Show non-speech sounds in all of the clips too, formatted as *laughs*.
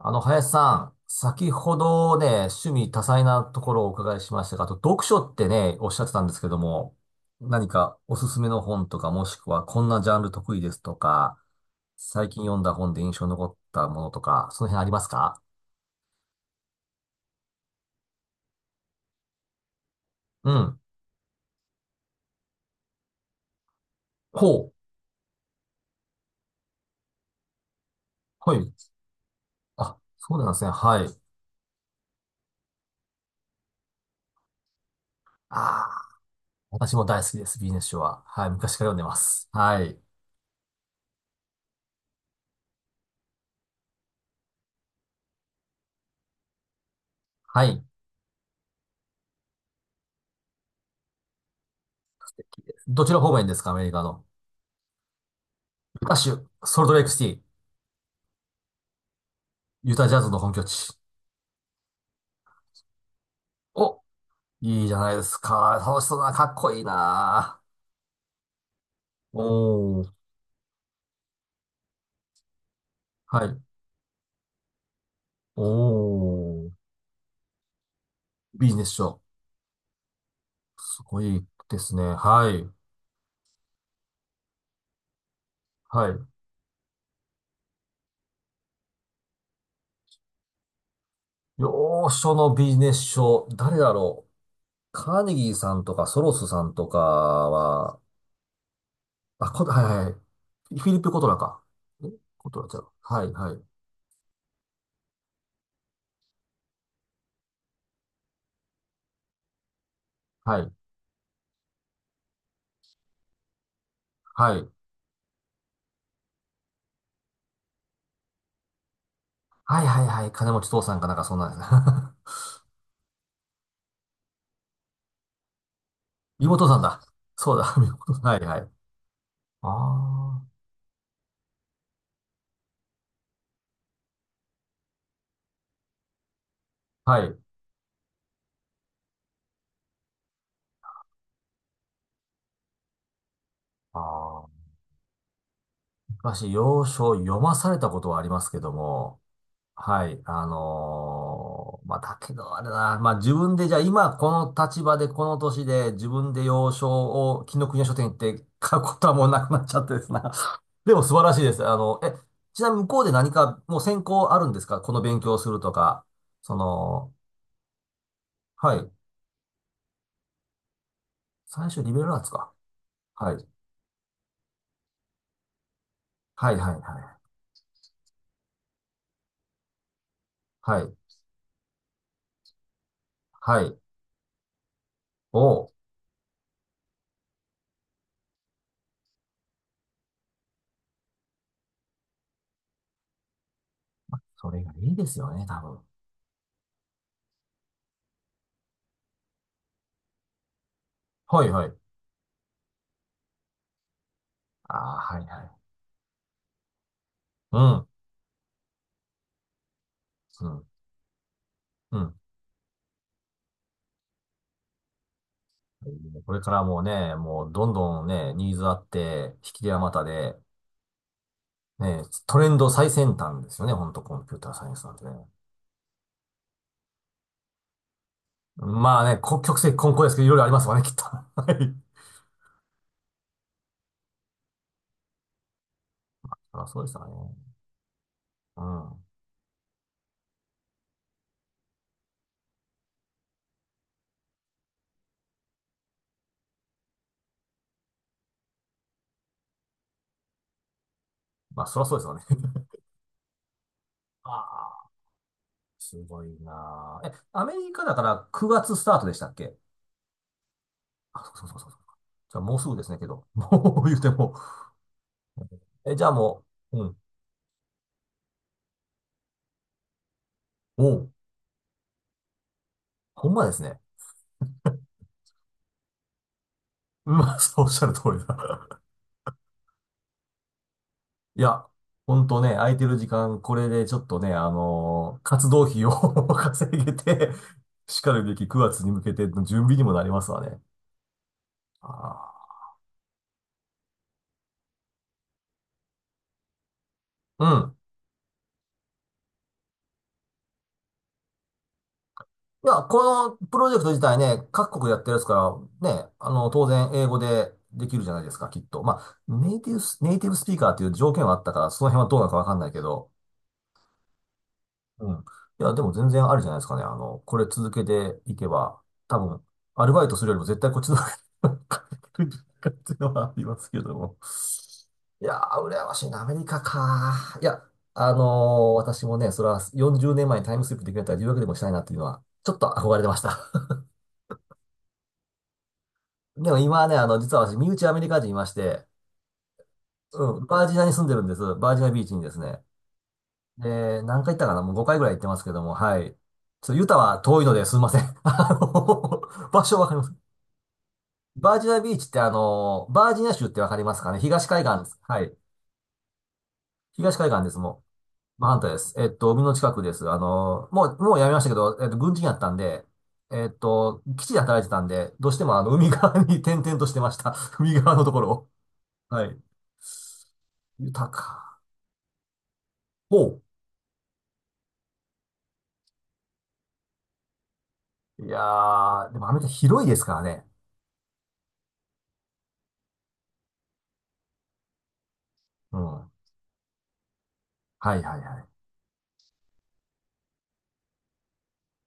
林さん、先ほどね、趣味多彩なところをお伺いしましたが、あと読書ってね、おっしゃってたんですけども、何かおすすめの本とか、もしくはこんなジャンル得意ですとか、最近読んだ本で印象に残ったものとか、その辺ありますか？うん。ほう。はい。あ、そうなんですね。はい。ああ、私も大好きです、ビジネス書は。はい、昔から読んでます。はい。はい。どちら方面ですか、アメリカの？ユタ州、ソルトレイクシティ、ユタジャズの本拠地。お、いいじゃないですか。楽しそうだな、かっこいいな。おー、はい。おー、ビジネス書。すごいですね。はい。はい。洋書のビジネス書。誰だろう。カーネギーさんとか、ソロスさんとかは、あ、こ、はいはいはい。フィリップ・コトラか。えコトラちゃう。はい、はい、はい、はい。はい、はい、はい。金持ち父さんかなんか、そんなんですね。*laughs* 妹さんだ。そうだ、*laughs* 妹さん。はい、はい。ああ、はい。ああ。昔、洋書を読まされたことはありますけども、はい、まあ、だけどあれだな、まあ、自分でじゃあ今この立場でこの年で自分で洋書を紀伊国屋書店行って買うことはもうなくなっちゃってですな。*laughs* でも素晴らしいです。ちなみに向こうで何かもう専攻あるんですかこの勉強をするとか？その、はい。最初リベラルアーツか。はい。はいはいはい。はい。はい。おう、それがいいですよね、多分。はいはい。ああ、はいはい。うんうん。うん。これからもうね、もうどんどんね、ニーズあって、引き手あまたで、ね、トレンド最先端ですよね、ほんとコンピューターサイエンスなんてね。まあね、こ曲折混交ですけど、いろいろありますわね、きっと。*laughs* はい。そりゃそうですわね。うん。まあ、そりゃそうですわね。*laughs* ああ、すごいなあ。え、アメリカだから9月スタートでしたっけ？あ、そうそうそうそう。じゃあもうすぐですね、けど。もう言うても。え、じゃあもう、うん。おう、ほんまですね。うん、まあ、そうおっしゃる通りだ。いや、ほんとね、空いてる時間、これでちょっとね、活動費を *laughs* 稼げて、しかるべき9月に向けての準備にもなりますわね。ああ。うん。いや、このプロジェクト自体ね、各国でやってるやつから、ね、当然英語でできるじゃないですか、きっと。まあ、ネイティブス、ネイティブスピーカーっていう条件はあったから、その辺はどうなのかわかんないけど、うん。いや、でも全然あるじゃないですかね。あの、これ続けていけば、多分、アルバイトするよりも絶対こっちの方が *laughs* っていうのはありますけども。いやー、羨ましいな、アメリカか。いや、あのー私もね、それは40年前にタイムスリップできるんだったら留学でもしたいなっていうのは、ちょっと憧れてました。*laughs* でも今はね、あの、実は私、身内アメリカ人いまして、うん、バージニアに住んでるんです。バージニアビーチにですね。で、何回行ったかな、もう5回ぐらい行ってますけども、はい。ちょっとユタは遠いのですいません。*laughs* あの、場所わかります。バージニアビーチってあの、バージニア州ってわかりますかね、東海岸です。はい。東海岸です、もう。真反対です。えっと、海の近くです。あの、もう、もうやめましたけど、えっと、軍人やったんで、えっと、基地で働いてたんで、どうしてもあの、海側に *laughs* 転々としてました。*laughs* 海側のところを。はい。ユタか。ほう。いやー、でもアメリカ広いですからね。うん。はいはいはい。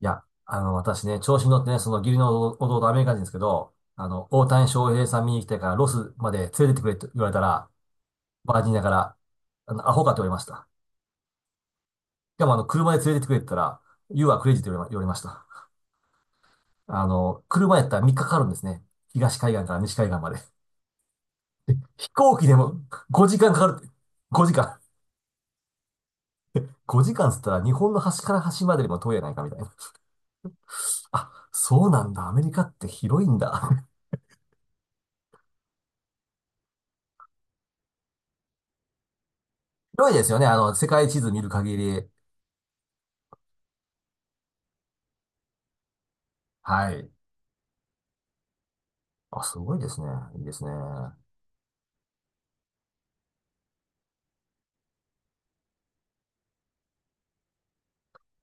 いや、あの、私ね、調子に乗ってね、その義理の弟アメリカ人ですけど、あの、大谷翔平さん見に来てからロスまで連れてってくれと言われたら、バージニアから、あの、アホかと言われました。しかも、あの、車で連れてってくれって言ったら、You are crazy と言われました。あの、車やったら3日か、かかるんですね。東海岸から西海岸まで。飛行機でも5時間かかるって。5時間。5時間っつったら日本の端から端までよりも遠いやないかみたいな。あ、そうなんだ。アメリカって広いんだ。*laughs* 広いですよね。あの、世界地図見る限り。はい。あ、すごいですね。いいですね。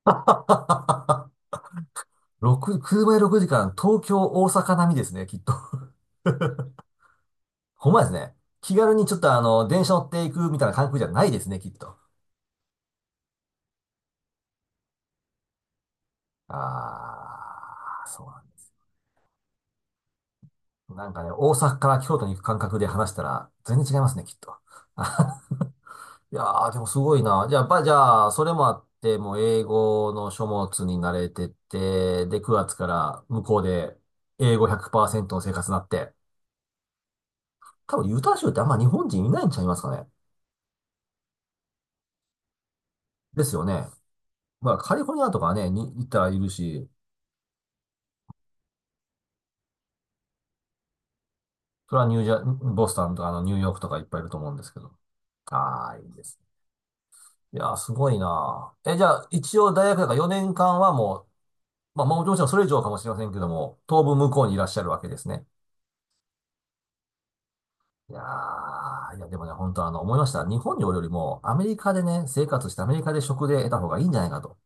*laughs* 6、車で6時間、東京、大阪並みですね、きっと。*laughs* ほんまですね。気軽にちょっとあの、電車乗っていくみたいな感覚じゃないですね、きっと。あー、そうなんだ。なんかね、大阪から京都に行く感覚で話したら、全然違いますね、きっと。*laughs* いやー、でもすごいな。じゃあ、ば、じゃあ、それもあって、もう英語の書物に慣れてって、で、9月から向こうで英語100%の生活になって、多分ユタ州ってあんま日本人いないんちゃいますかね。ですよね。まあカリフォルニアとかね、に行ったらいるし、それはニュージャ、ボスタンとかあのニューヨークとかいっぱいいると思うんですけど。ああ、いいですね。いやー、すごいなー。え、じゃあ一応大学だから4年間はもう、まあもうもちろんそれ以上かもしれませんけども、当分向こうにいらっしゃるわけですね。いやー、いやでもね、本当あの、思いました。日本におるよりも、アメリカでね、生活してアメリカで食で得た方がいいんじゃないかと。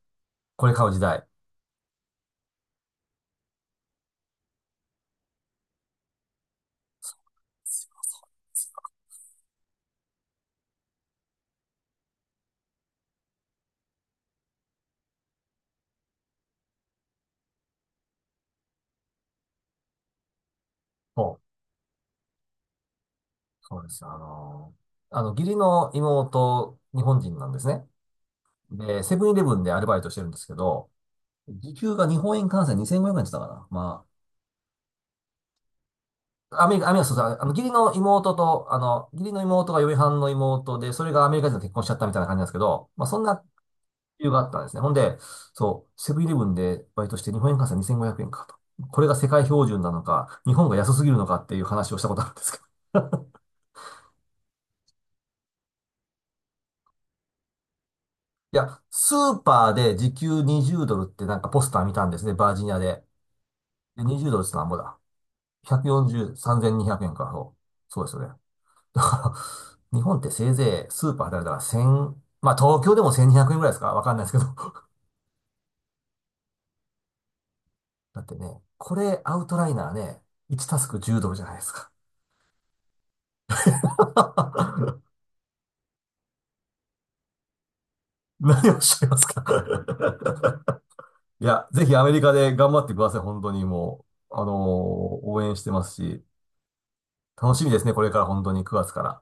これ買う時代。ほう、そうです。あの、あの、義理の妹、日本人なんですね。で、セブンイレブンでアルバイトしてるんですけど、時給が日本円換算2500円って言ったかな。まあ、アメリカ、アメリカ、そうそう、あの、義理の妹と、あの、義理の妹が嫁はんの妹で、それがアメリカ人と結婚しちゃったみたいな感じなんですけど、まあ、そんな理由があったんですね。ほんで、そう、セブンイレブンでバイトして日本円換算2500円かと。これが世界標準なのか、日本が安すぎるのかっていう話をしたことあるんですけど。いや、スーパーで時給20ドルってなんかポスター見たんですね、バージニアで。で、20ドルってなんぼだ。140、3200円か、そう。そうですよね。だから、日本ってせいぜいスーパーであれだから1000、まあ東京でも1200円ぐらいですかわかんないですけど。だってね、これアウトライナーね、1タスク10ドルじゃないですか。*laughs* 何をおっしゃいますか？ *laughs* いや、ぜひアメリカで頑張ってください、本当にもう。あのー応援してますし、楽しみですね、これから本当に9月から。